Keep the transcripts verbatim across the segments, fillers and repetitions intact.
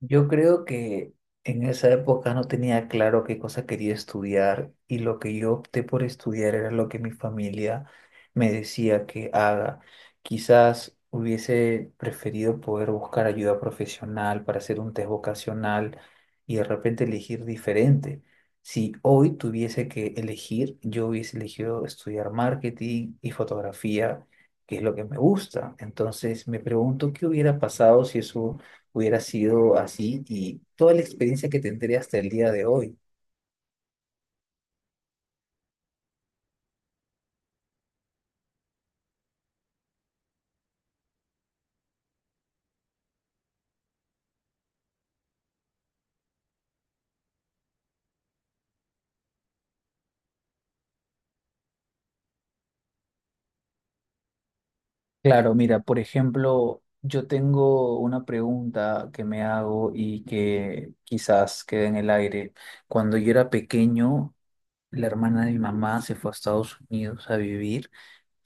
Yo creo que en esa época no tenía claro qué cosa quería estudiar y lo que yo opté por estudiar era lo que mi familia me decía que haga. Quizás hubiese preferido poder buscar ayuda profesional para hacer un test vocacional y de repente elegir diferente. Si hoy tuviese que elegir, yo hubiese elegido estudiar marketing y fotografía, que es lo que me gusta. Entonces me pregunto qué hubiera pasado si eso hubiera sido así y toda la experiencia que tendría hasta el día de hoy. Claro, mira, por ejemplo, yo tengo una pregunta que me hago y que quizás quede en el aire. Cuando yo era pequeño, la hermana de mi mamá se fue a Estados Unidos a vivir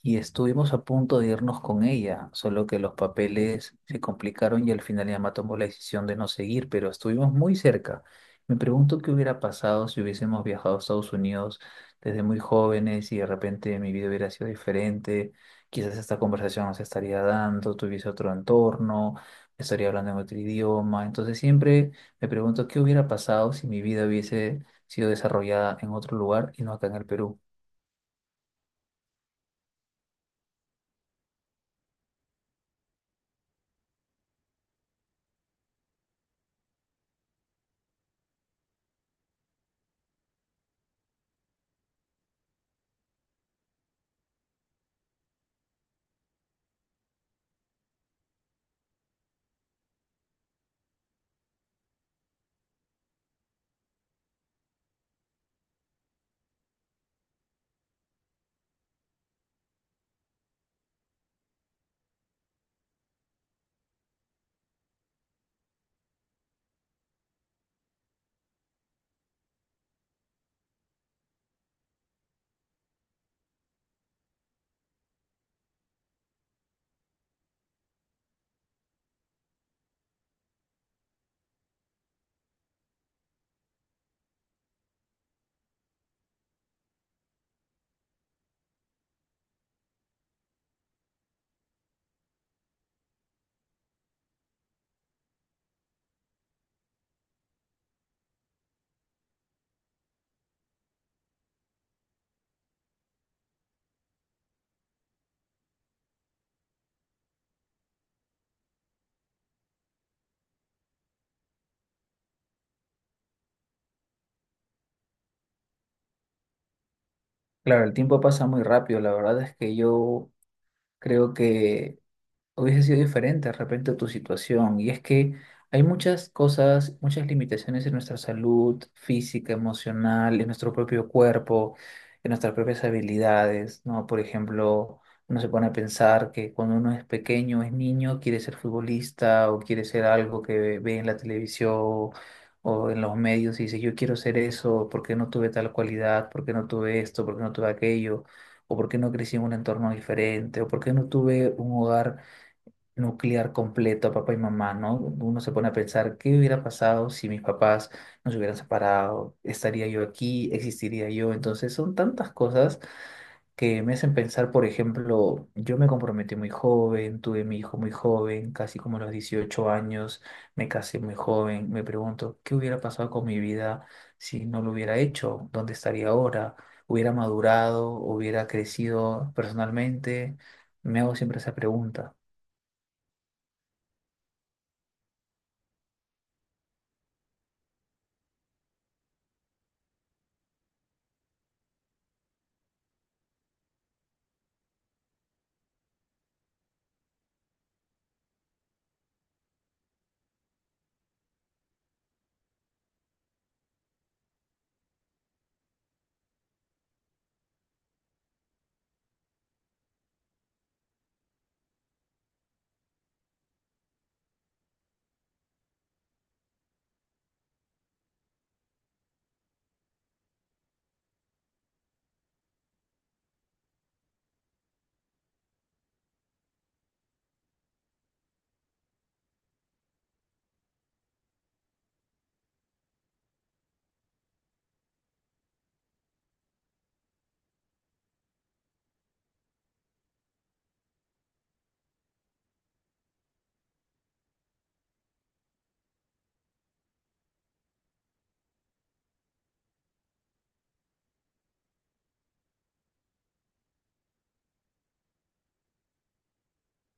y estuvimos a punto de irnos con ella, solo que los papeles se complicaron y al final ella más tomó la decisión de no seguir, pero estuvimos muy cerca. Me pregunto qué hubiera pasado si hubiésemos viajado a Estados Unidos desde muy jóvenes y de repente mi vida hubiera sido diferente. Quizás esta conversación no se estaría dando, tuviese otro entorno, estaría hablando en otro idioma. Entonces siempre me pregunto qué hubiera pasado si mi vida hubiese sido desarrollada en otro lugar y no acá en el Perú. Claro, el tiempo pasa muy rápido. La verdad es que yo creo que hubiese sido diferente de repente tu situación. Y es que hay muchas cosas, muchas limitaciones en nuestra salud física, emocional, en nuestro propio cuerpo, en nuestras propias habilidades, ¿no? Por ejemplo, uno se pone a pensar que cuando uno es pequeño, es niño, quiere ser futbolista o quiere ser algo que ve en la televisión o en los medios y dice, yo quiero ser eso. ¿Por qué no tuve tal cualidad? ¿Por qué no tuve esto? ¿Por qué no tuve aquello? ¿O por qué no crecí en un entorno diferente? ¿O por qué no tuve un hogar nuclear completo a papá y mamá, ¿no? Uno se pone a pensar, ¿qué hubiera pasado si mis papás nos hubieran separado? ¿Estaría yo aquí? ¿Existiría yo? Entonces son tantas cosas que me hacen pensar. Por ejemplo, yo me comprometí muy joven, tuve mi hijo muy joven, casi como a los dieciocho años, me casé muy joven, me pregunto, ¿qué hubiera pasado con mi vida si no lo hubiera hecho? ¿Dónde estaría ahora? ¿Hubiera madurado? ¿Hubiera crecido personalmente? Me hago siempre esa pregunta.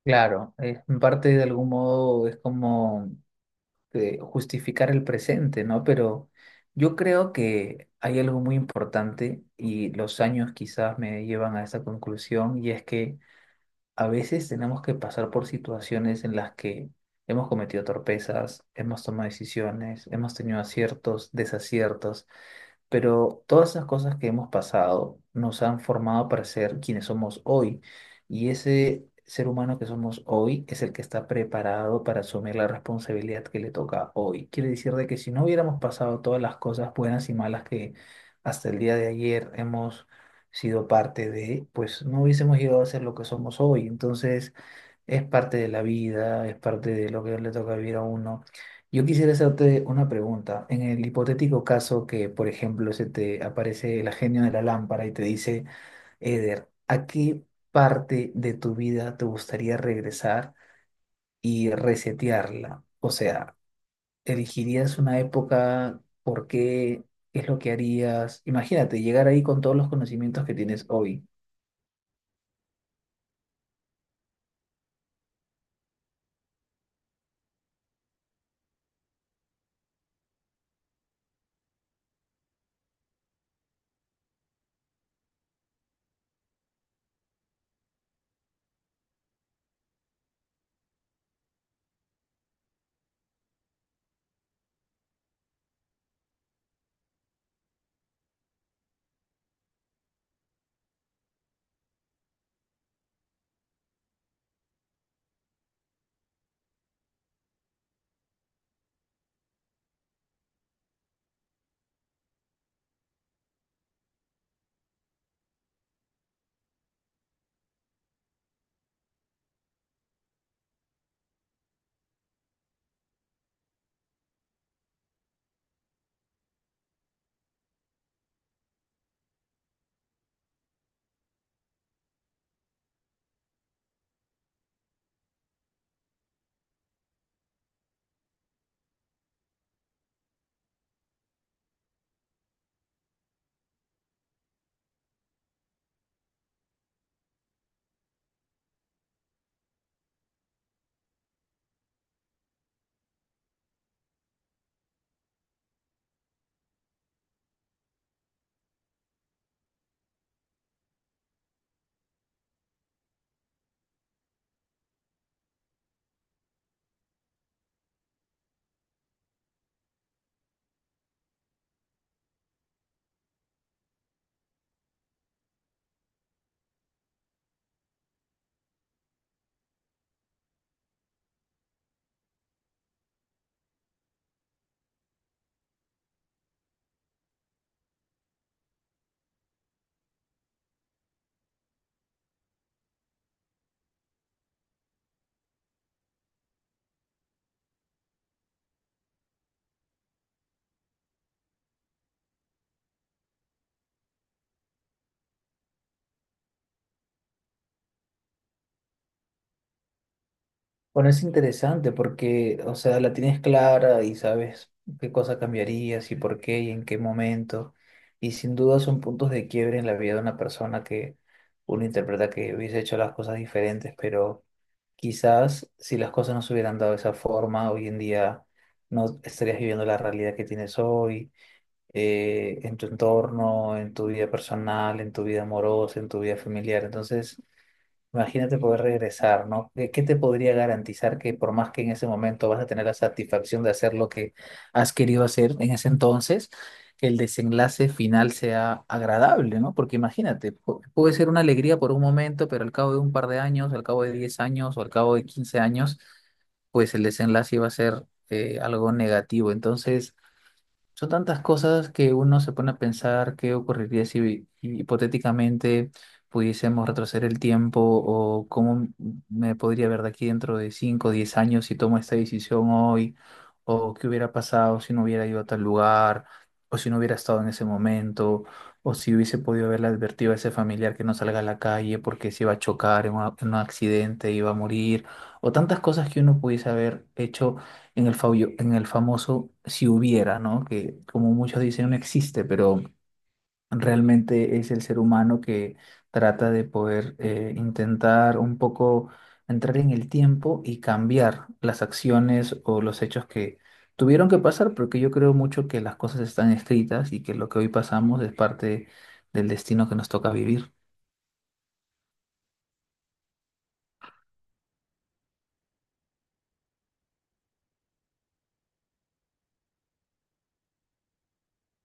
Claro, es en parte, de algún modo, es como eh, justificar el presente, ¿no? Pero yo creo que hay algo muy importante y los años quizás me llevan a esa conclusión, y es que a veces tenemos que pasar por situaciones en las que hemos cometido torpezas, hemos tomado decisiones, hemos tenido aciertos, desaciertos, pero todas esas cosas que hemos pasado nos han formado para ser quienes somos hoy. Y ese ser humano que somos hoy es el que está preparado para asumir la responsabilidad que le toca hoy. Quiere decir de que si no hubiéramos pasado todas las cosas buenas y malas que hasta el día de ayer hemos sido parte de, pues no hubiésemos llegado a ser lo que somos hoy. Entonces, es parte de la vida, es parte de lo que le toca vivir a uno. Yo quisiera hacerte una pregunta. En el hipotético caso que, por ejemplo, se te aparece el genio de la lámpara y te dice, Eder, ¿a qué parte de tu vida te gustaría regresar y resetearla? O sea, ¿elegirías una época? ¿Por qué? ¿Qué es lo que harías? Imagínate llegar ahí con todos los conocimientos que tienes hoy. Bueno, es interesante porque, o sea, la tienes clara y sabes qué cosa cambiarías y por qué y en qué momento. Y sin duda son puntos de quiebre en la vida de una persona que uno interpreta que hubiese hecho las cosas diferentes, pero quizás si las cosas no se hubieran dado de esa forma, hoy en día no estarías viviendo la realidad que tienes hoy, eh, en tu entorno, en tu vida personal, en tu vida amorosa, en tu vida familiar. Entonces... Imagínate poder regresar, ¿no? ¿Qué qué te podría garantizar que, por más que en ese momento vas a tener la satisfacción de hacer lo que has querido hacer en ese entonces, el desenlace final sea agradable? ¿No? Porque imagínate, pu- puede ser una alegría por un momento, pero al cabo de un par de años, al cabo de diez años o al cabo de quince años, pues el desenlace iba a ser eh, algo negativo. Entonces, son tantas cosas que uno se pone a pensar qué ocurriría si hipotéticamente pudiésemos retroceder el tiempo, o cómo me podría ver de aquí dentro de cinco o diez años si tomo esta decisión hoy, o qué hubiera pasado si no hubiera ido a tal lugar, o si no hubiera estado en ese momento, o si hubiese podido haberle advertido a ese familiar que no salga a la calle porque se iba a chocar en un, en un accidente, iba a morir, o tantas cosas que uno pudiese haber hecho en el, fabio- en el famoso si hubiera, ¿no? Que como muchos dicen no existe, pero realmente es el ser humano que trata de poder eh, intentar un poco entrar en el tiempo y cambiar las acciones o los hechos que tuvieron que pasar, porque yo creo mucho que las cosas están escritas y que lo que hoy pasamos es parte del destino que nos toca vivir.